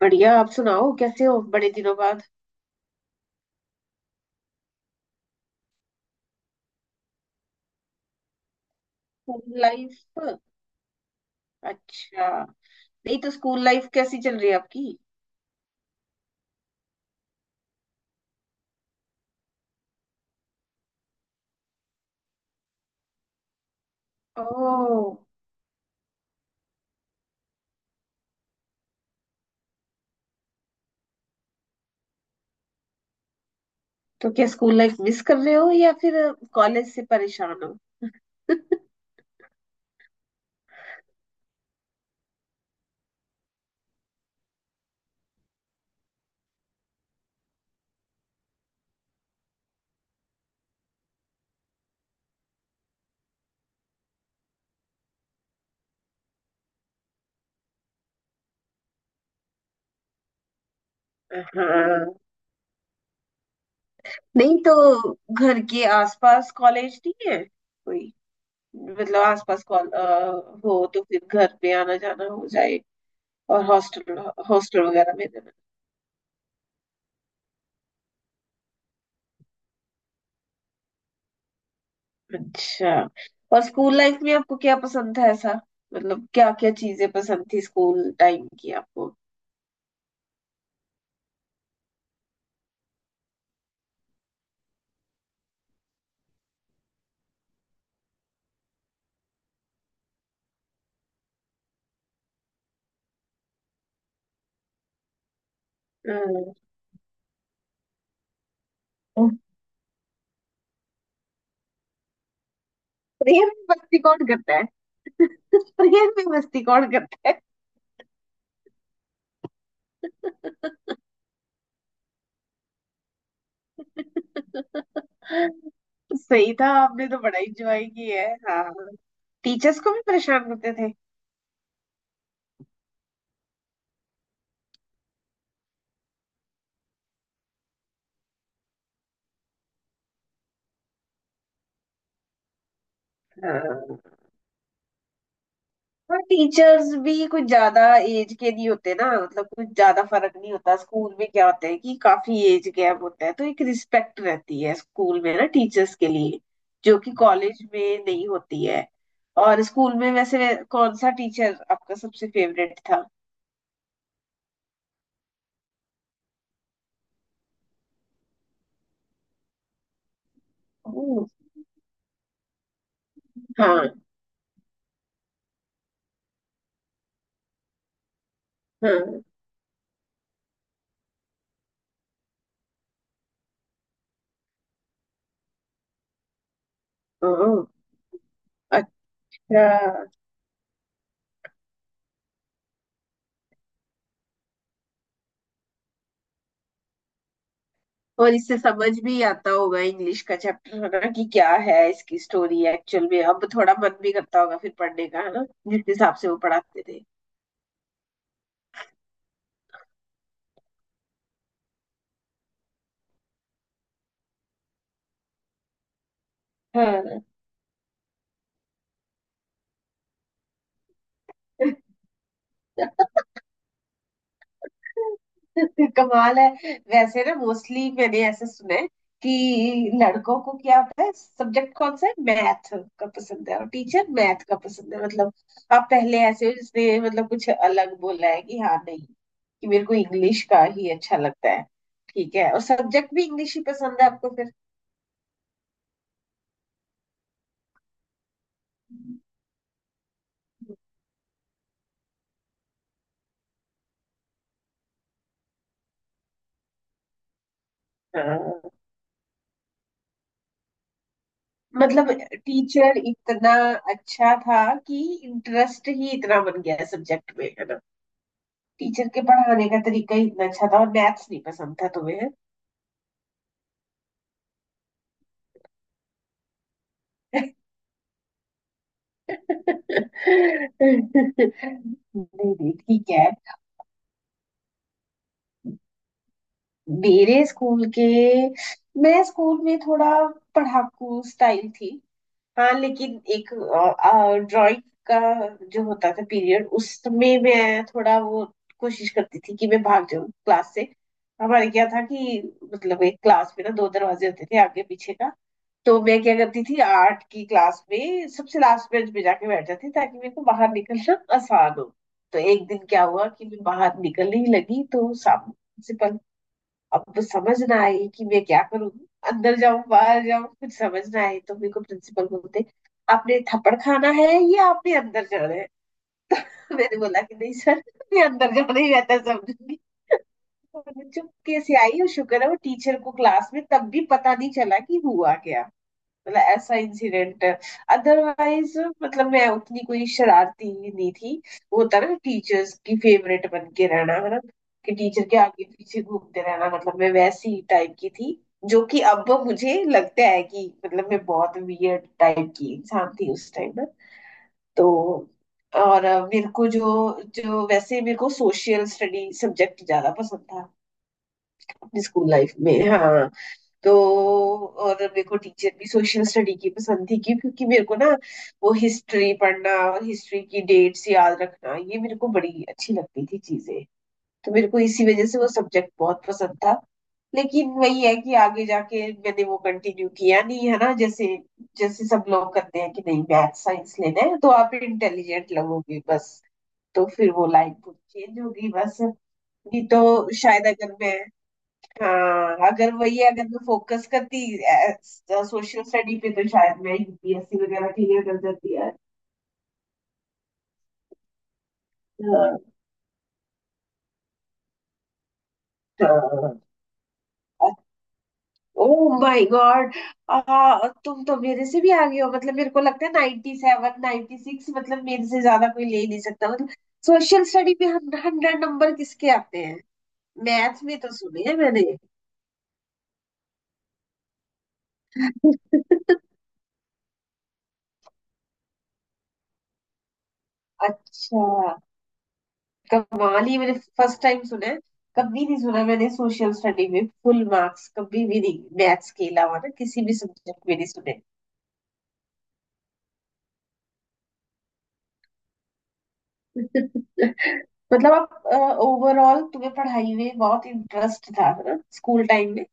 बढ़िया आप सुनाओ कैसे हो बड़े दिनों बाद। School life. अच्छा। नहीं तो स्कूल लाइफ कैसी चल रही है आपकी? ओह। तो क्या स्कूल लाइफ मिस कर रहे हो या फिर कॉलेज से परेशान हो? हाँ। नहीं तो घर के आसपास कॉलेज नहीं है कोई? मतलब आसपास हो तो फिर घर पे आना जाना हो जाए और हॉस्टल हॉस्टल वगैरह में रहना। अच्छा। और स्कूल लाइफ में आपको क्या पसंद था ऐसा? मतलब क्या क्या चीजें पसंद थी स्कूल टाइम की आपको? हम्म। प्रेयर में मस्ती कौन करता है? प्रेयर में मस्ती कौन करता है? सही था आपने तो बड़ा इंजॉय किया है हाँ। टीचर्स को भी परेशान करते थे? हाँ। और टीचर्स भी कुछ ज्यादा एज के नहीं होते ना मतलब कुछ ज्यादा फर्क नहीं होता स्कूल में क्या होता है कि काफी एज गैप होता है तो एक रिस्पेक्ट रहती है स्कूल में ना टीचर्स के लिए। जो कि कॉलेज में नहीं होती है। और स्कूल में वैसे कौन सा टीचर आपका सबसे फेवरेट था? ओ। हाँ। हाँ। ओ। अच्छा। और इससे समझ भी आता होगा इंग्लिश का चैप्टर है ना कि क्या है इसकी स्टोरी एक्चुअल में, अब थोड़ा मन भी करता होगा फिर पढ़ने का है ना। जिस हिसाब से वो पढ़ाते थे। हाँ। कमाल है। वैसे ना मोस्टली मैंने ऐसे सुना है कि लड़कों को क्या होता है सब्जेक्ट कौन सा है मैथ का पसंद है और टीचर मैथ का पसंद है, मतलब आप पहले ऐसे हो जिसने मतलब कुछ अलग बोला है कि हाँ नहीं कि मेरे को इंग्लिश का ही अच्छा लगता है। ठीक है और सब्जेक्ट भी इंग्लिश ही पसंद है आपको फिर? हाँ मतलब टीचर इतना अच्छा था कि इंटरेस्ट ही इतना बन गया सब्जेक्ट में है ना। टीचर के पढ़ाने का तरीका ही इतना अच्छा था और मैथ्स नहीं पसंद था तुम्हें। नहीं नहीं ठीक है। मेरे स्कूल के, मैं स्कूल में थोड़ा पढ़ाकू स्टाइल थी हाँ, लेकिन एक ड्राइंग का जो होता था पीरियड उसमें मैं थोड़ा वो कोशिश करती थी कि मैं भाग जाऊं क्लास से। हमारे क्या था कि मतलब एक क्लास में ना दो दरवाजे होते थे आगे पीछे का। तो मैं क्या करती थी आर्ट की क्लास में सबसे लास्ट बेंच पे जाके बैठ जाती ताकि मेरे को बाहर निकलना आसान हो। तो एक दिन क्या हुआ कि मैं बाहर निकलने ही लगी तो सामने प्रिंसिपल। अब तो समझ ना आई कि मैं क्या करूंगी, अंदर जाऊं बाहर जाऊं, कुछ समझ ना आई। तो मेरे को प्रिंसिपल बोलते आपने थप्पड़ खाना है या आपने अंदर जाना है। तो मैंने बोला कि नहीं सर मैं अंदर जाना ही रहता है, समझूंगी। और मैं चुपके से आई और शुक्र है वो टीचर को क्लास में तब भी पता नहीं चला कि हुआ क्या। मतलब ऐसा इंसिडेंट, अदरवाइज मतलब मैं उतनी कोई शरारती नहीं थी। वो होता ना टीचर्स की फेवरेट बन के रहना है ना कि टीचर के आगे पीछे घूमते रहना, मतलब मैं वैसी टाइप की थी जो कि अब मुझे लगता है कि मतलब मैं बहुत वियर्ड टाइप की इंसान थी उस टाइम ना। तो और मेरे को जो जो वैसे मेरे को सोशल स्टडी सब्जेक्ट ज्यादा पसंद था अपनी स्कूल लाइफ में हाँ। तो और मेरे को टीचर भी सोशल स्टडी की पसंद थी, क्यों क्योंकि मेरे को ना वो हिस्ट्री पढ़ना और हिस्ट्री की डेट्स याद रखना ये मेरे को बड़ी अच्छी लगती थी चीजें। तो मेरे को इसी वजह से वो सब्जेक्ट बहुत पसंद था। लेकिन वही है कि आगे जाके मैंने वो कंटिन्यू किया नहीं है ना, जैसे जैसे सब लोग करते हैं कि नहीं मैथ साइंस लेना है तो आप इंटेलिजेंट लगोगे बस। तो फिर वो लाइन चेंज होगी बस। नहीं तो शायद अगर मैं, हाँ अगर वही अगर मैं फोकस करती सोशल स्टडी पे तो शायद मैं यूपीएससी वगैरह क्लियर कर जाती। यार, ओ माय गॉड। आ तुम तो मेरे से भी आगे हो, मतलब मेरे को लगता है 97 96, मतलब मेरे से ज्यादा कोई ले ही नहीं सकता, मतलब सोशल स्टडी में हंड्रेड नंबर किसके आते हैं? मैथ में तो सुने हैं मैंने। अच्छा, कव्वाली मैंने फर्स्ट टाइम सुना है। कभी नहीं सुना मैंने सोशल स्टडी में फुल मार्क्स, कभी भी नहीं, मैथ्स के अलावा ना किसी भी सब्जेक्ट में नहीं सुने। मतलब आप ओवरऑल तुम्हें पढ़ाई में बहुत इंटरेस्ट था ना स्कूल टाइम में?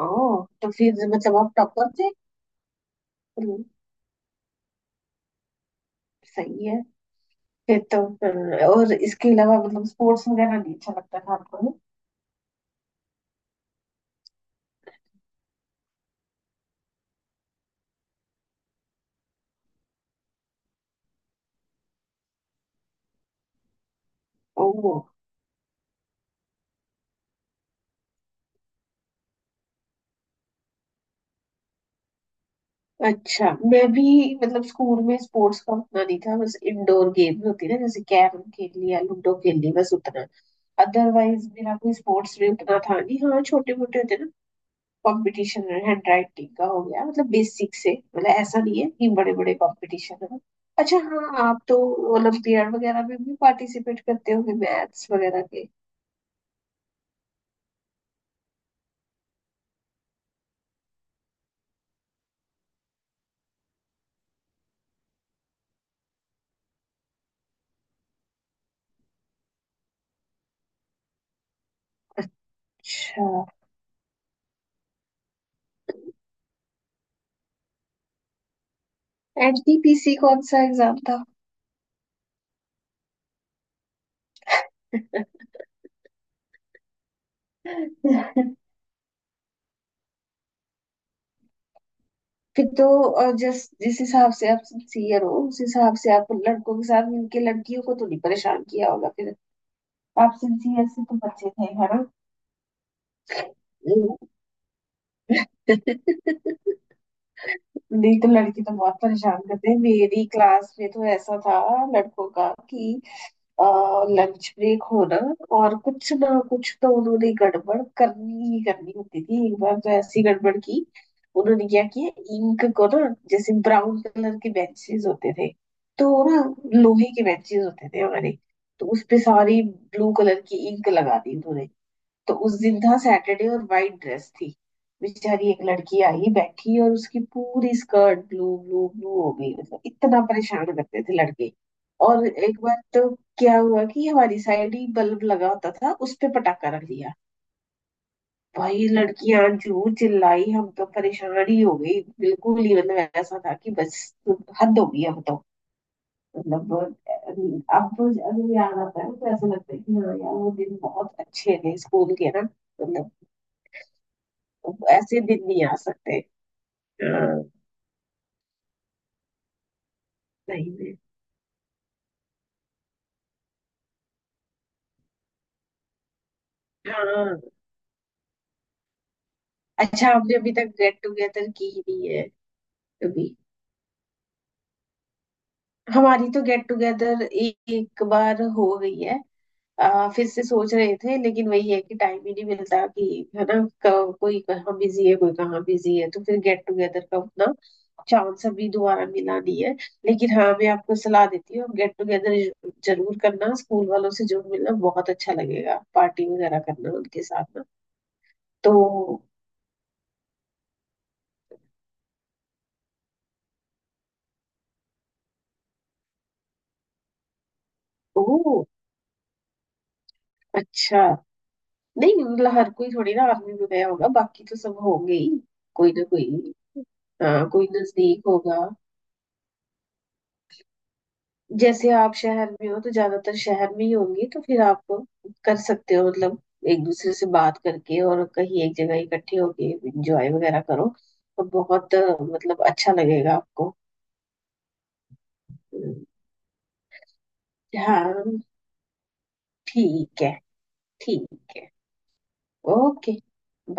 ओ तो फिर मतलब आप टॉपर थे? हम्म, सही है। और इसके अलावा मतलब स्पोर्ट्स वगैरह नहीं अच्छा लगता था आपको ना? ओ अच्छा, मैं भी मतलब स्कूल में स्पोर्ट्स का उतना नहीं था, बस इंडोर गेम होती ना जैसे कैरम खेल लिया लूडो खेल ली बस उतना। अदरवाइज मेरा कोई स्पोर्ट्स में उतना था नहीं हाँ, छोटे मोटे होते ना, कंपटीशन हैंड राइटिंग का हो गया मतलब बेसिक से, मतलब ऐसा नहीं है कि बड़े बड़े कंपटीशन है। अच्छा, हाँ आप तो ओलंपियाड वगैरह में भी पार्टिसिपेट करते होंगे मैथ्स वगैरह के। अच्छा, एनटीपीसी कौन सा एग्जाम था? फिर तो, और जिस जिस हिसाब से आप सिंसियर हो उस हिसाब से आप लड़कों के साथ मिलके लड़कियों को तो नहीं परेशान किया होगा फिर। आप सिंसियर से तो बचे थे है ना? हम्म। नहीं तो लड़की तो बहुत परेशान करते हैं, मेरी क्लास में तो ऐसा था लड़कों का कि लंच ब्रेक होना और कुछ ना कुछ तो उन्होंने गड़बड़ करनी ही करनी होती थी। एक बार तो ऐसी गड़बड़ की, उन्होंने क्या किया इंक को ना, जैसे ब्राउन कलर के बेंचेस होते थे, तो वो ना लोहे के बेंचेस होते थे हमारे, तो उस पे सारी ब्लू कलर की इंक लगा दी उन्होंने। तो उस दिन था सैटरडे और वाइट ड्रेस थी। बेचारी एक लड़की आई बैठी और उसकी पूरी स्कर्ट ब्लू ब्लू ब्लू हो गई, मतलब इतना परेशान करते थे लड़के। और एक बार तो क्या हुआ कि हमारी साइड ही बल्ब लगा होता था, उस पे पटाखा रख दिया। भाई लड़कियां जू चिल्लाई, हम तो परेशान ही हो गई बिल्कुल ही, मतलब ऐसा था कि बस हद हो गई अब तो। मतलब अब अगर याद आता है तो ऐसा लगता है कि हाँ यार वो दिन बहुत अच्छे थे स्कूल के ना मतलब, वो ऐसे दिन नहीं आ सकते। हाँ, नहीं में हाँ। अच्छा हमने अभी तक गेट टुगेदर की ही नहीं है कभी। हमारी तो गेट टुगेदर एक बार हो गई है। फिर से सोच रहे थे लेकिन वही है कि टाइम ही नहीं मिलता कि, है ना, कोई कहाँ बिजी है कोई कहाँ बिजी है, तो फिर गेट टुगेदर का उतना चांस अभी दोबारा मिला नहीं है। लेकिन हाँ मैं आपको सलाह देती हूँ गेट टुगेदर जरूर करना स्कूल वालों से, जो मिलना बहुत अच्छा लगेगा, पार्टी वगैरह करना उनके साथ ना। तो ओह अच्छा, नहीं मतलब हर कोई थोड़ी ना आर्मी में गया होगा, बाकी तो सब होंगे ही कोई ना कोई। हाँ कोई नजदीक होगा, जैसे आप शहर में हो तो ज्यादातर शहर में ही होंगे तो फिर आप कर सकते हो मतलब एक दूसरे से बात करके और कहीं एक जगह इकट्ठे होके एंजॉय वगैरह करो। तो बहुत मतलब अच्छा लगेगा आपको। हम्म, हाँ ठीक है। ठीक है। Okay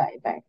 bye. बाय